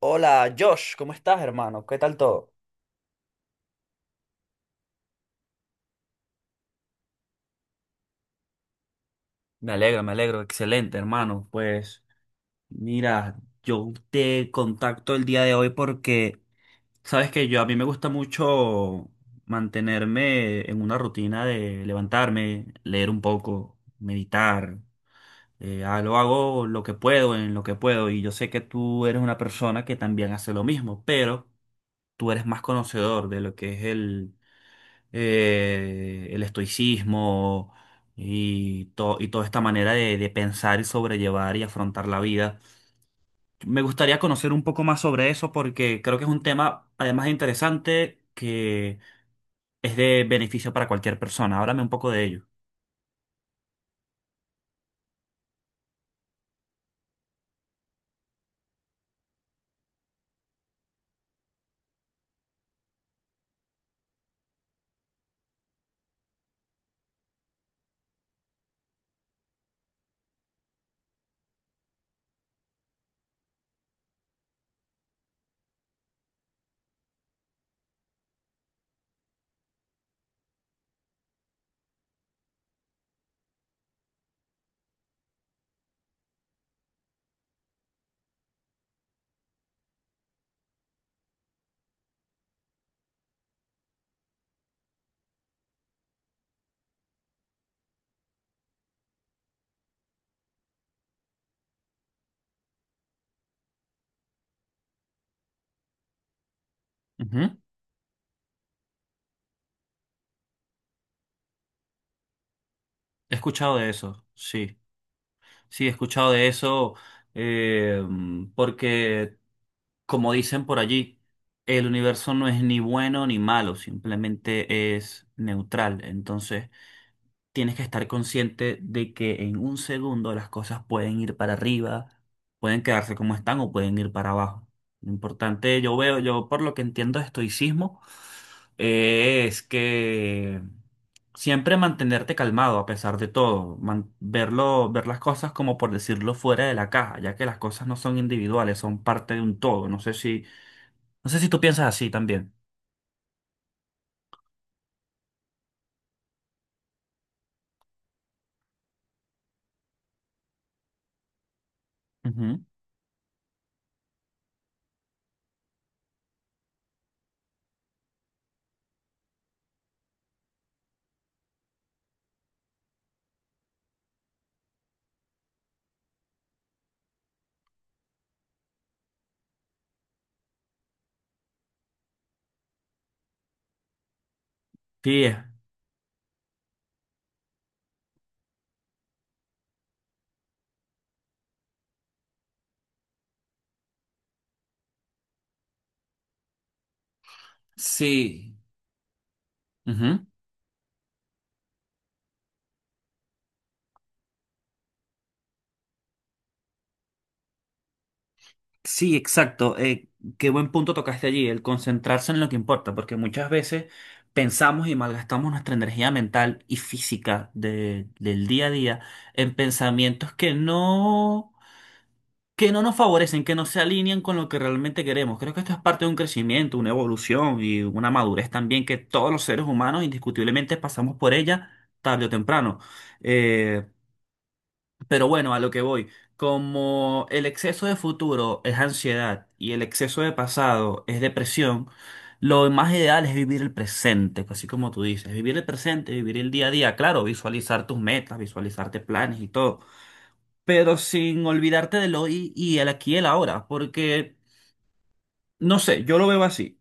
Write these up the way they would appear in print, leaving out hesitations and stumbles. Hola, Josh, ¿cómo estás, hermano? ¿Qué tal todo? Me alegro, me alegro. Excelente, hermano. Pues mira, yo te contacto el día de hoy porque sabes que yo a mí me gusta mucho mantenerme en una rutina de levantarme, leer un poco, meditar. Lo hago lo que puedo, en lo que puedo. Y yo sé que tú eres una persona que también hace lo mismo, pero tú eres más conocedor de lo que es el estoicismo y toda esta manera de pensar y sobrellevar y afrontar la vida. Me gustaría conocer un poco más sobre eso porque creo que es un tema, además de interesante, que es de beneficio para cualquier persona. Háblame un poco de ello. Ujú. He escuchado de eso, sí. Sí, he escuchado de eso, eh, porque, como dicen por allí, el universo no es ni bueno ni malo, simplemente es neutral. Entonces, tienes que estar consciente de que en un segundo las cosas pueden ir para arriba, pueden quedarse como están o pueden ir para abajo. Lo importante, yo veo, yo por lo que entiendo de estoicismo, es que siempre mantenerte calmado a pesar de todo, verlo, ver las cosas como por decirlo fuera de la caja, ya que las cosas no son individuales, son parte de un todo. No sé si tú piensas así también. Ujú. Sí, es. Sí. Ujú. Sí, exacto. Qué buen punto tocaste allí, el concentrarse en lo que importa, porque muchas veces pensamos y malgastamos nuestra energía mental y física del día a día en pensamientos que no nos favorecen, que no se alinean con lo que realmente queremos. Creo que esto es parte de un crecimiento, una evolución y una madurez también que todos los seres humanos indiscutiblemente pasamos por ella tarde o temprano. Eh, pero bueno, a lo que voy, como el exceso de futuro es ansiedad y el exceso de pasado es depresión, lo más ideal es vivir el presente, pues, así como tú dices, vivir el presente, vivir el día a día, claro, visualizar tus metas, visualizarte planes y todo, pero sin olvidarte del hoy y el aquí y el ahora, porque, no sé, yo lo veo así.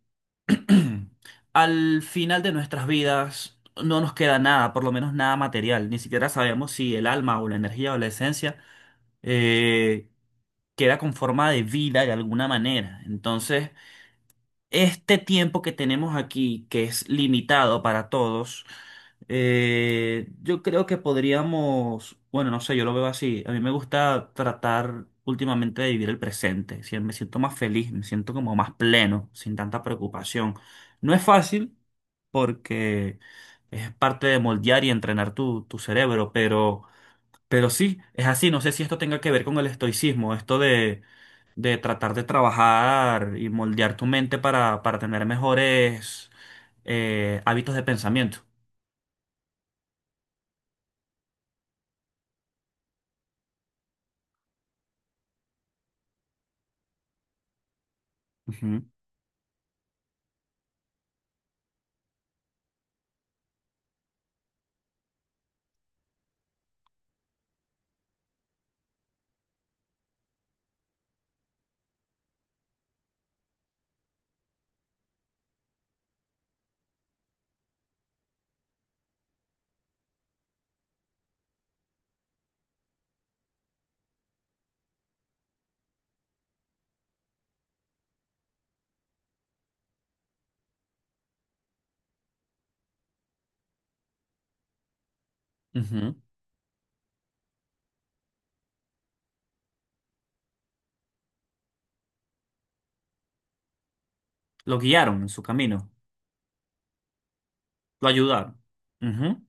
Al final de nuestras vidas no nos queda nada, por lo menos nada material, ni siquiera sabemos si el alma o la energía o la esencia eh, queda con forma de vida de alguna manera. Entonces, este tiempo que tenemos aquí, que es limitado para todos, yo creo que podríamos, bueno, no sé, yo lo veo así. A mí me gusta tratar últimamente de vivir el presente. Me siento más feliz, me siento como más pleno, sin tanta preocupación. No es fácil porque es parte de moldear y entrenar tu cerebro, pero. Pero sí, es así. No sé si esto tenga que ver con el estoicismo, esto de tratar de trabajar y moldear tu mente para tener mejores hábitos de pensamiento. Ujú, ujú. Lo guiaron en su camino, lo ayudaron. Ujú.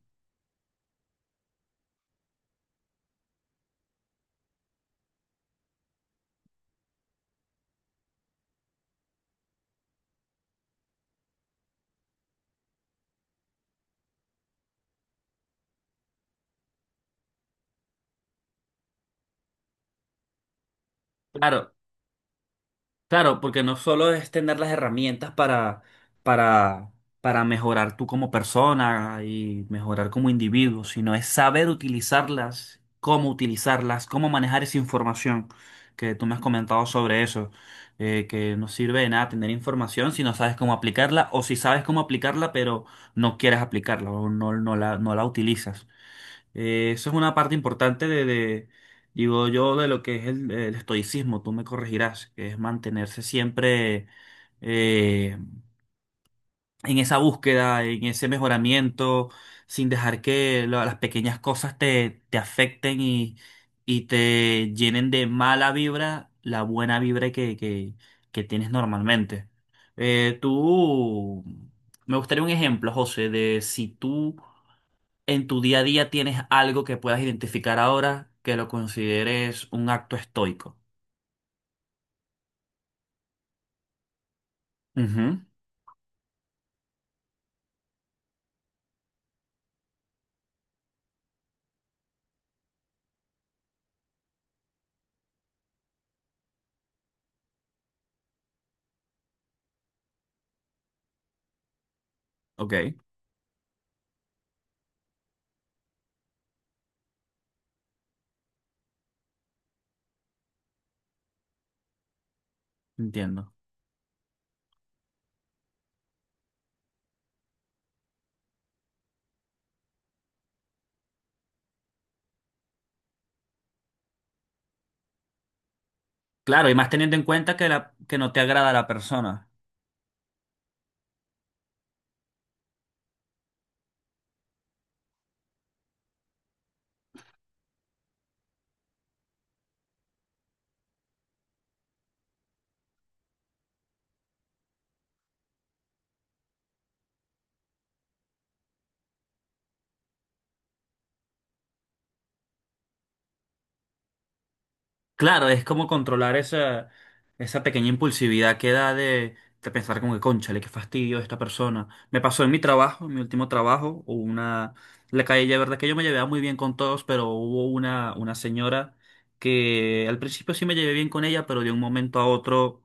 Claro. Claro, porque no solo es tener las herramientas para, para mejorar tú como persona y mejorar como individuo, sino es saber utilizarlas, cómo manejar esa información que tú me has comentado sobre eso, que no sirve de nada tener información si no sabes cómo aplicarla o si sabes cómo aplicarla pero no quieres aplicarla o no, no la, no la utilizas. Eso es una parte importante digo yo, de lo que es el estoicismo, tú me corregirás, que es mantenerse siempre eh, en esa búsqueda, en ese mejoramiento, sin dejar que las pequeñas cosas te afecten y te llenen de mala vibra la buena vibra que tienes normalmente. Eh, tú, me gustaría un ejemplo, José, de si tú en tu día a día tienes algo que puedas identificar ahora que lo consideres un acto estoico. Ujú. Ok, entiendo. Claro, y más teniendo en cuenta que, que no te agrada la persona. Claro, es como controlar esa pequeña impulsividad que da de pensar como que, cónchale, qué fastidio esta persona. Me pasó en mi trabajo, en mi último trabajo, hubo una. La calle, de verdad que yo me llevaba muy bien con todos, pero hubo una señora que al principio sí me llevé bien con ella, pero de un momento a otro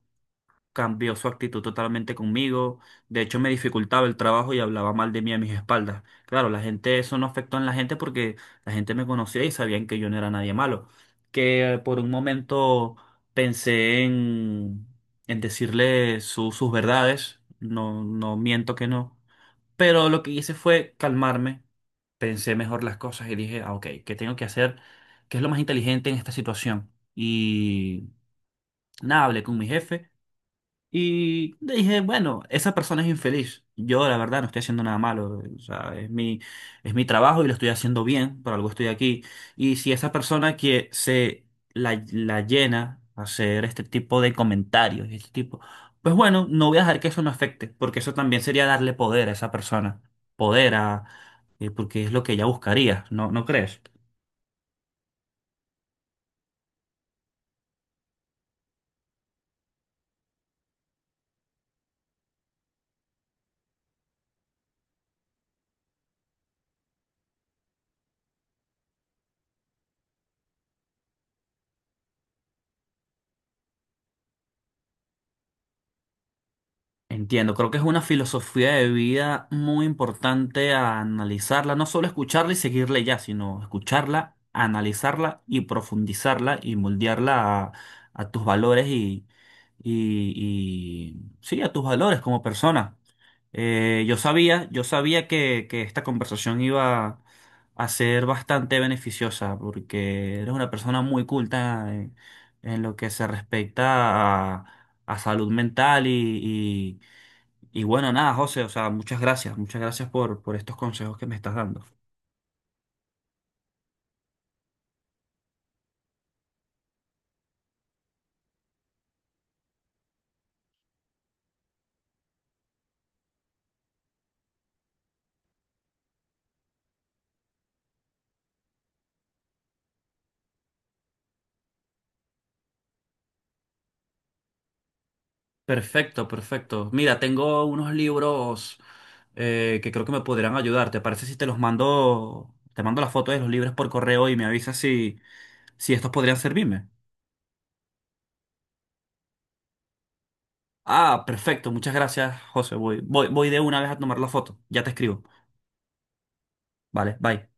cambió su actitud totalmente conmigo. De hecho, me dificultaba el trabajo y hablaba mal de mí a mis espaldas. Claro, la gente, eso no afectó en la gente porque la gente me conocía y sabían que yo no era nadie malo. Que por un momento pensé en decirle sus verdades. No, no miento que no. Pero lo que hice fue calmarme. Pensé mejor las cosas y dije, ah, ok, ¿qué tengo que hacer? ¿Qué es lo más inteligente en esta situación? Y nada, hablé con mi jefe. Y dije, bueno, esa persona es infeliz. Yo, la verdad, no estoy haciendo nada malo. O sea, es mi trabajo y lo estoy haciendo bien, por algo estoy aquí. Y si esa persona que se la llena a hacer este tipo de comentarios, este tipo, pues bueno, no voy a dejar que eso me afecte, porque eso también sería darle poder a esa persona. Poder a, porque es lo que ella buscaría, ¿no crees? Entiendo, creo que es una filosofía de vida muy importante a analizarla, no solo escucharla y seguirla y ya, sino escucharla, analizarla y profundizarla y moldearla a tus valores y, y- sí, a tus valores como persona. Yo sabía que esta conversación iba a ser bastante beneficiosa porque eres una persona muy culta en lo que se respecta a salud mental y bueno, nada, José, o sea, muchas gracias por estos consejos que me estás dando. Perfecto, perfecto. Mira, tengo unos libros que creo que me podrían ayudar. ¿Te parece si te los mando, te mando las fotos de los libros por correo y me avisas si, si estos podrían servirme? Ah, perfecto. Muchas gracias, José. Voy de una vez a tomar la foto. Ya te escribo. Vale, bye.